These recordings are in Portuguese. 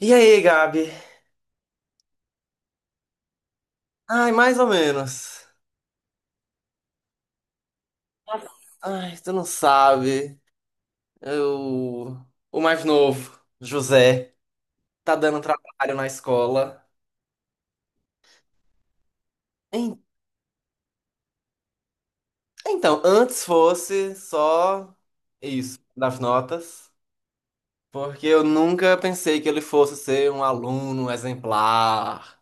E aí, Gabi? Ai, mais ou menos. Ai, tu não sabe. Eu... O mais novo, José, tá dando trabalho na escola. En- Então, antes fosse só isso, das notas. Porque eu nunca pensei que ele fosse ser um aluno exemplar.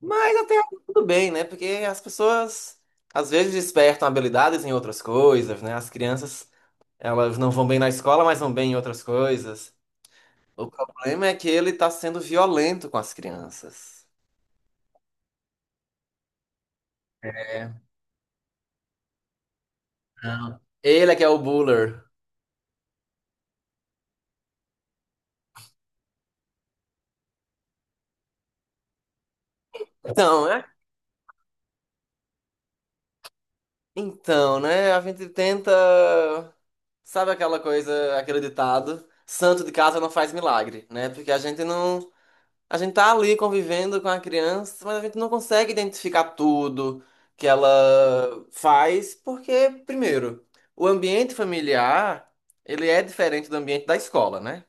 Mas até aí tudo bem, né? Porque as pessoas às vezes despertam habilidades em outras coisas, né? As crianças, elas não vão bem na escola, mas vão bem em outras coisas. O problema é que ele tá sendo violento com as crianças. É. Não. Ele é que é o buller. Então, é? Então, né? A gente tenta. Sabe aquela coisa, aquele ditado? Santo de casa não faz milagre, né? Porque a gente não. A gente tá ali convivendo com a criança, mas a gente não consegue identificar tudo que ela faz, porque, primeiro, o ambiente familiar, ele é diferente do ambiente da escola, né?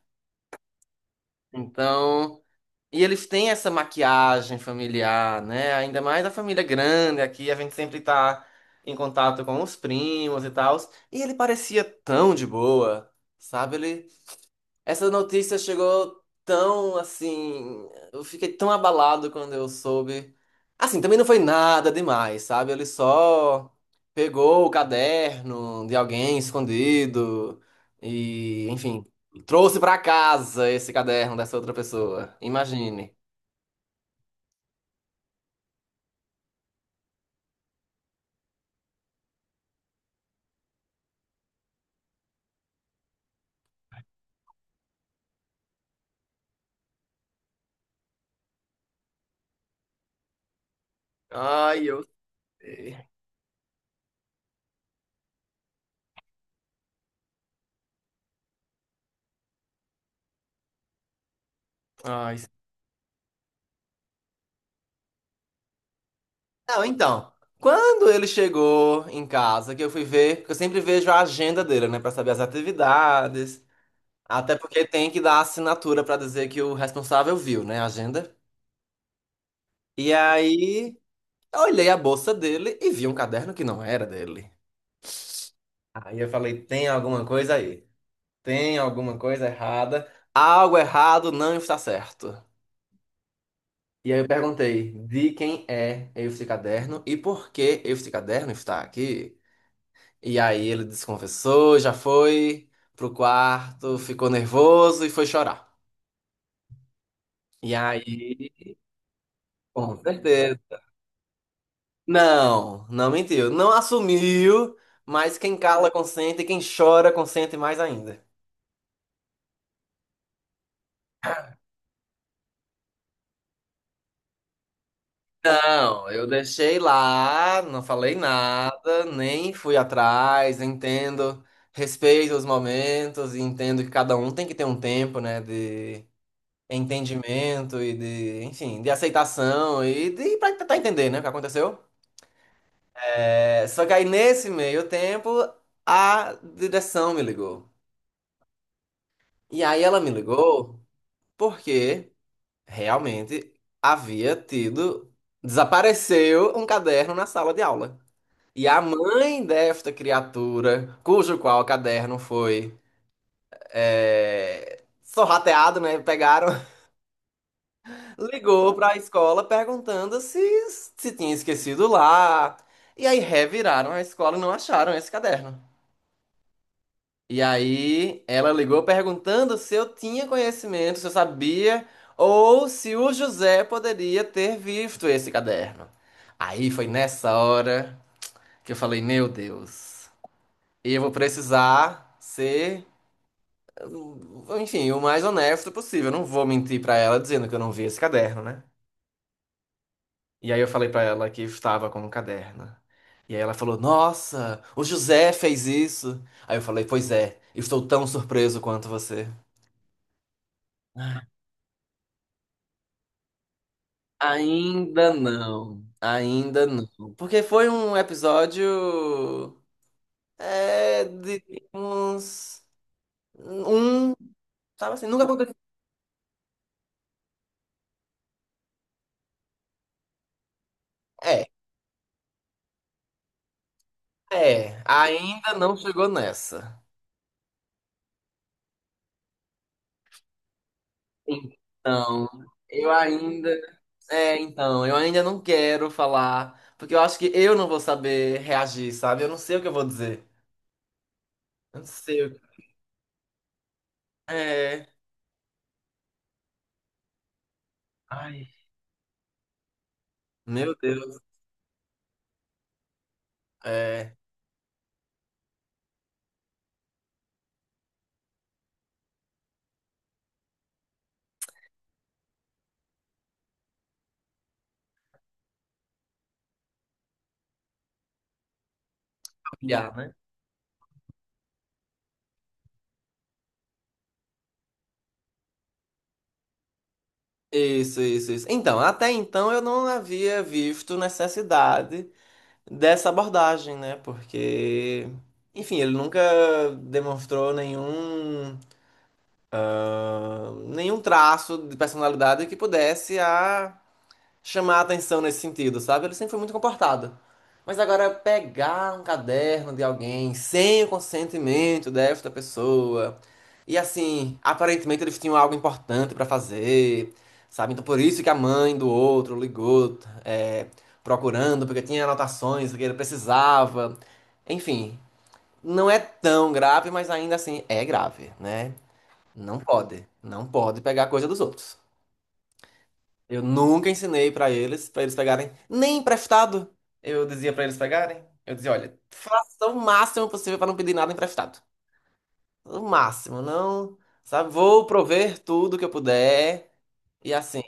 Então. E eles têm essa maquiagem familiar, né? Ainda mais a família grande aqui, a gente sempre tá em contato com os primos e tal. E ele parecia tão de boa, sabe? Essa notícia chegou tão assim. Eu fiquei tão abalado quando eu soube. Assim, também não foi nada demais, sabe? Ele só pegou o caderno de alguém escondido e, enfim, trouxe pra casa esse caderno dessa outra pessoa. Imagine. Ai, eu sei. Ai, Não, então, quando ele chegou em casa, que eu fui ver, porque eu sempre vejo a agenda dele, né, pra saber as atividades, até porque tem que dar assinatura pra dizer que o responsável viu, né, a agenda. E aí, eu olhei a bolsa dele e vi um caderno que não era dele. Aí eu falei, tem alguma coisa aí? Tem alguma coisa errada? Algo errado não está certo. E aí eu perguntei, de quem é esse caderno e por que esse caderno está aqui? E aí ele desconfessou, já foi pro quarto, ficou nervoso e foi chorar. E aí, com certeza. Não, não mentiu. Não assumiu, mas quem cala consente e quem chora consente mais ainda. Não, eu deixei lá, não falei nada, nem fui atrás, entendo, respeito os momentos e entendo que cada um tem que ter um tempo, né, de entendimento e de, enfim, de aceitação e de para tentar entender, né, o que aconteceu. É, só que aí nesse meio tempo a direção me ligou. E aí ela me ligou porque realmente havia tido, desapareceu um caderno na sala de aula. E a mãe desta criatura, cujo qual caderno foi sorrateado, né? Pegaram ligou para a escola perguntando se tinha esquecido lá. E aí reviraram a escola e não acharam esse caderno. E aí ela ligou perguntando se eu tinha conhecimento, se eu sabia, ou se o José poderia ter visto esse caderno. Aí foi nessa hora que eu falei, meu Deus, eu vou precisar ser, enfim, o mais honesto possível. Eu não vou mentir para ela dizendo que eu não vi esse caderno, né? E aí eu falei pra ela que estava com um caderno. E aí ela falou: Nossa, o José fez isso. Aí eu falei: Pois é, estou tão surpreso quanto você. Ainda não, ainda não. Porque foi um episódio. É, de uns. Um. Sabe assim, nunca aconteceu. É, é, ainda não chegou nessa. Então, eu ainda É, então, eu ainda não quero falar, porque eu acho que eu não vou saber reagir, sabe? Eu não sei o que eu vou dizer. Eu não sei o que... É... Ai, meu Deus. É... Olhar, né? Isso, isso, isso. Então, até então eu não havia visto necessidade dessa abordagem, né? Enfim, ele nunca demonstrou nenhum traço de personalidade que pudesse a chamar a atenção nesse sentido, sabe? Ele sempre foi muito comportado. Mas agora, pegar um caderno de alguém sem o consentimento desta pessoa. E assim, aparentemente eles tinham algo importante pra fazer, sabe? Então, por isso que a mãe do outro ligou, é, procurando, porque tinha anotações que ele precisava. Enfim, não é tão grave, mas ainda assim é grave, né? Não pode. Não pode pegar coisa dos outros. Eu nunca ensinei pra eles pegarem, nem emprestado. Eu dizia pra eles pegarem. Eu dizia, olha, faça o máximo possível pra não pedir nada emprestado. O máximo, não, sabe? Vou prover tudo que eu puder e assim,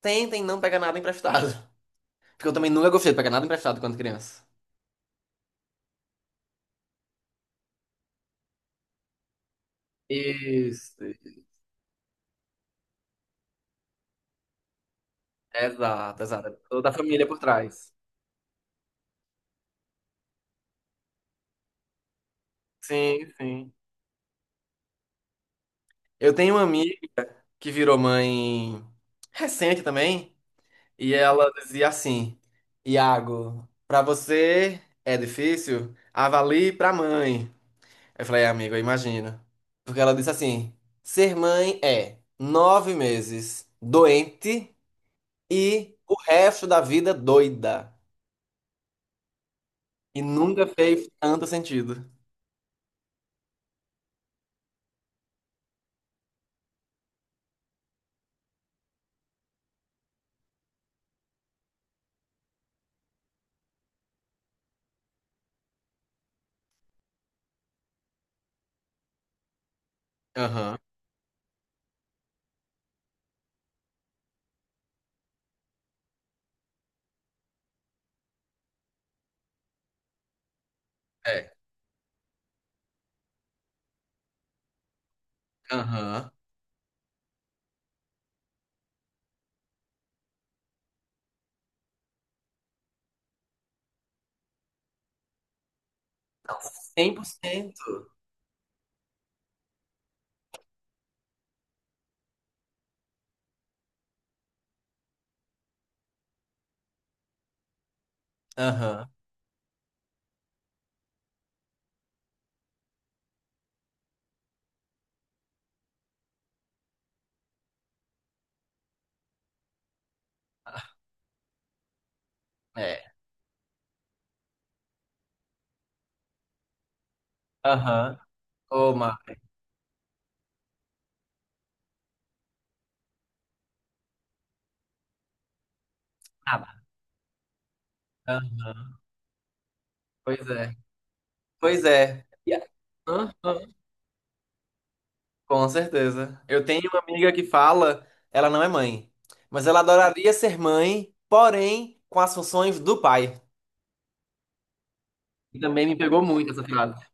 tentem não pegar nada emprestado, porque eu também nunca gostei de pegar nada emprestado quando criança. Isso, exato, exato. Toda a família por trás. Sim, sim. Eu tenho uma amiga que virou mãe recente também. E ela dizia assim: Iago, pra você é difícil? Avalie pra mãe. Eu falei, amigo, eu imagino. Porque ela disse assim: ser mãe é 9 meses doente e o resto da vida doida. E nunca fez tanto sentido. Aham, é. Aham. 100%. Aham, é. Aham. Ô, Mar- nada. Aham. Pois é. Pois é. E a- Hã? Com certeza. Eu tenho uma amiga que fala, ela não é mãe, mas ela adoraria ser mãe, porém com as funções do pai. E também me pegou muito essa frase.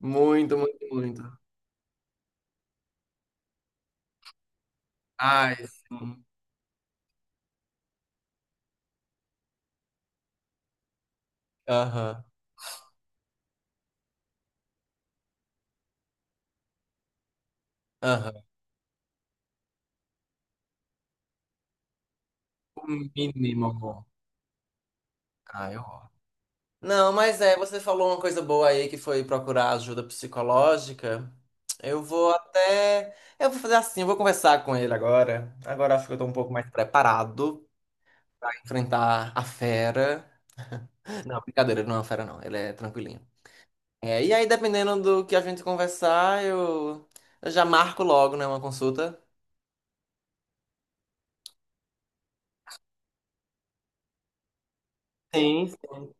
Muito, muito, muito. Ai, sim. Aham, aham. O mínimo, amor. Ai, ó. Não, mas é, você falou uma coisa boa aí que foi procurar ajuda psicológica. Eu vou até. Eu vou fazer assim, eu vou conversar com ele agora. Agora acho que eu tô um pouco mais preparado pra enfrentar a fera. Não, brincadeira, ele não é uma fera, não. Ele é tranquilinho. É, e aí, dependendo do que a gente conversar, eu já marco logo, né, uma consulta. Sim, sim.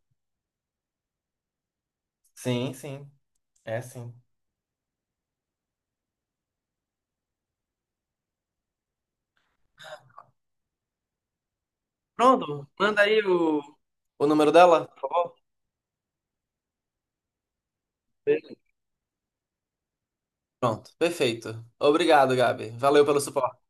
Sim, sim. É sim. Pronto, manda aí o, O número dela? Por favor. Pronto, perfeito. Obrigado, Gabi. Valeu pelo suporte.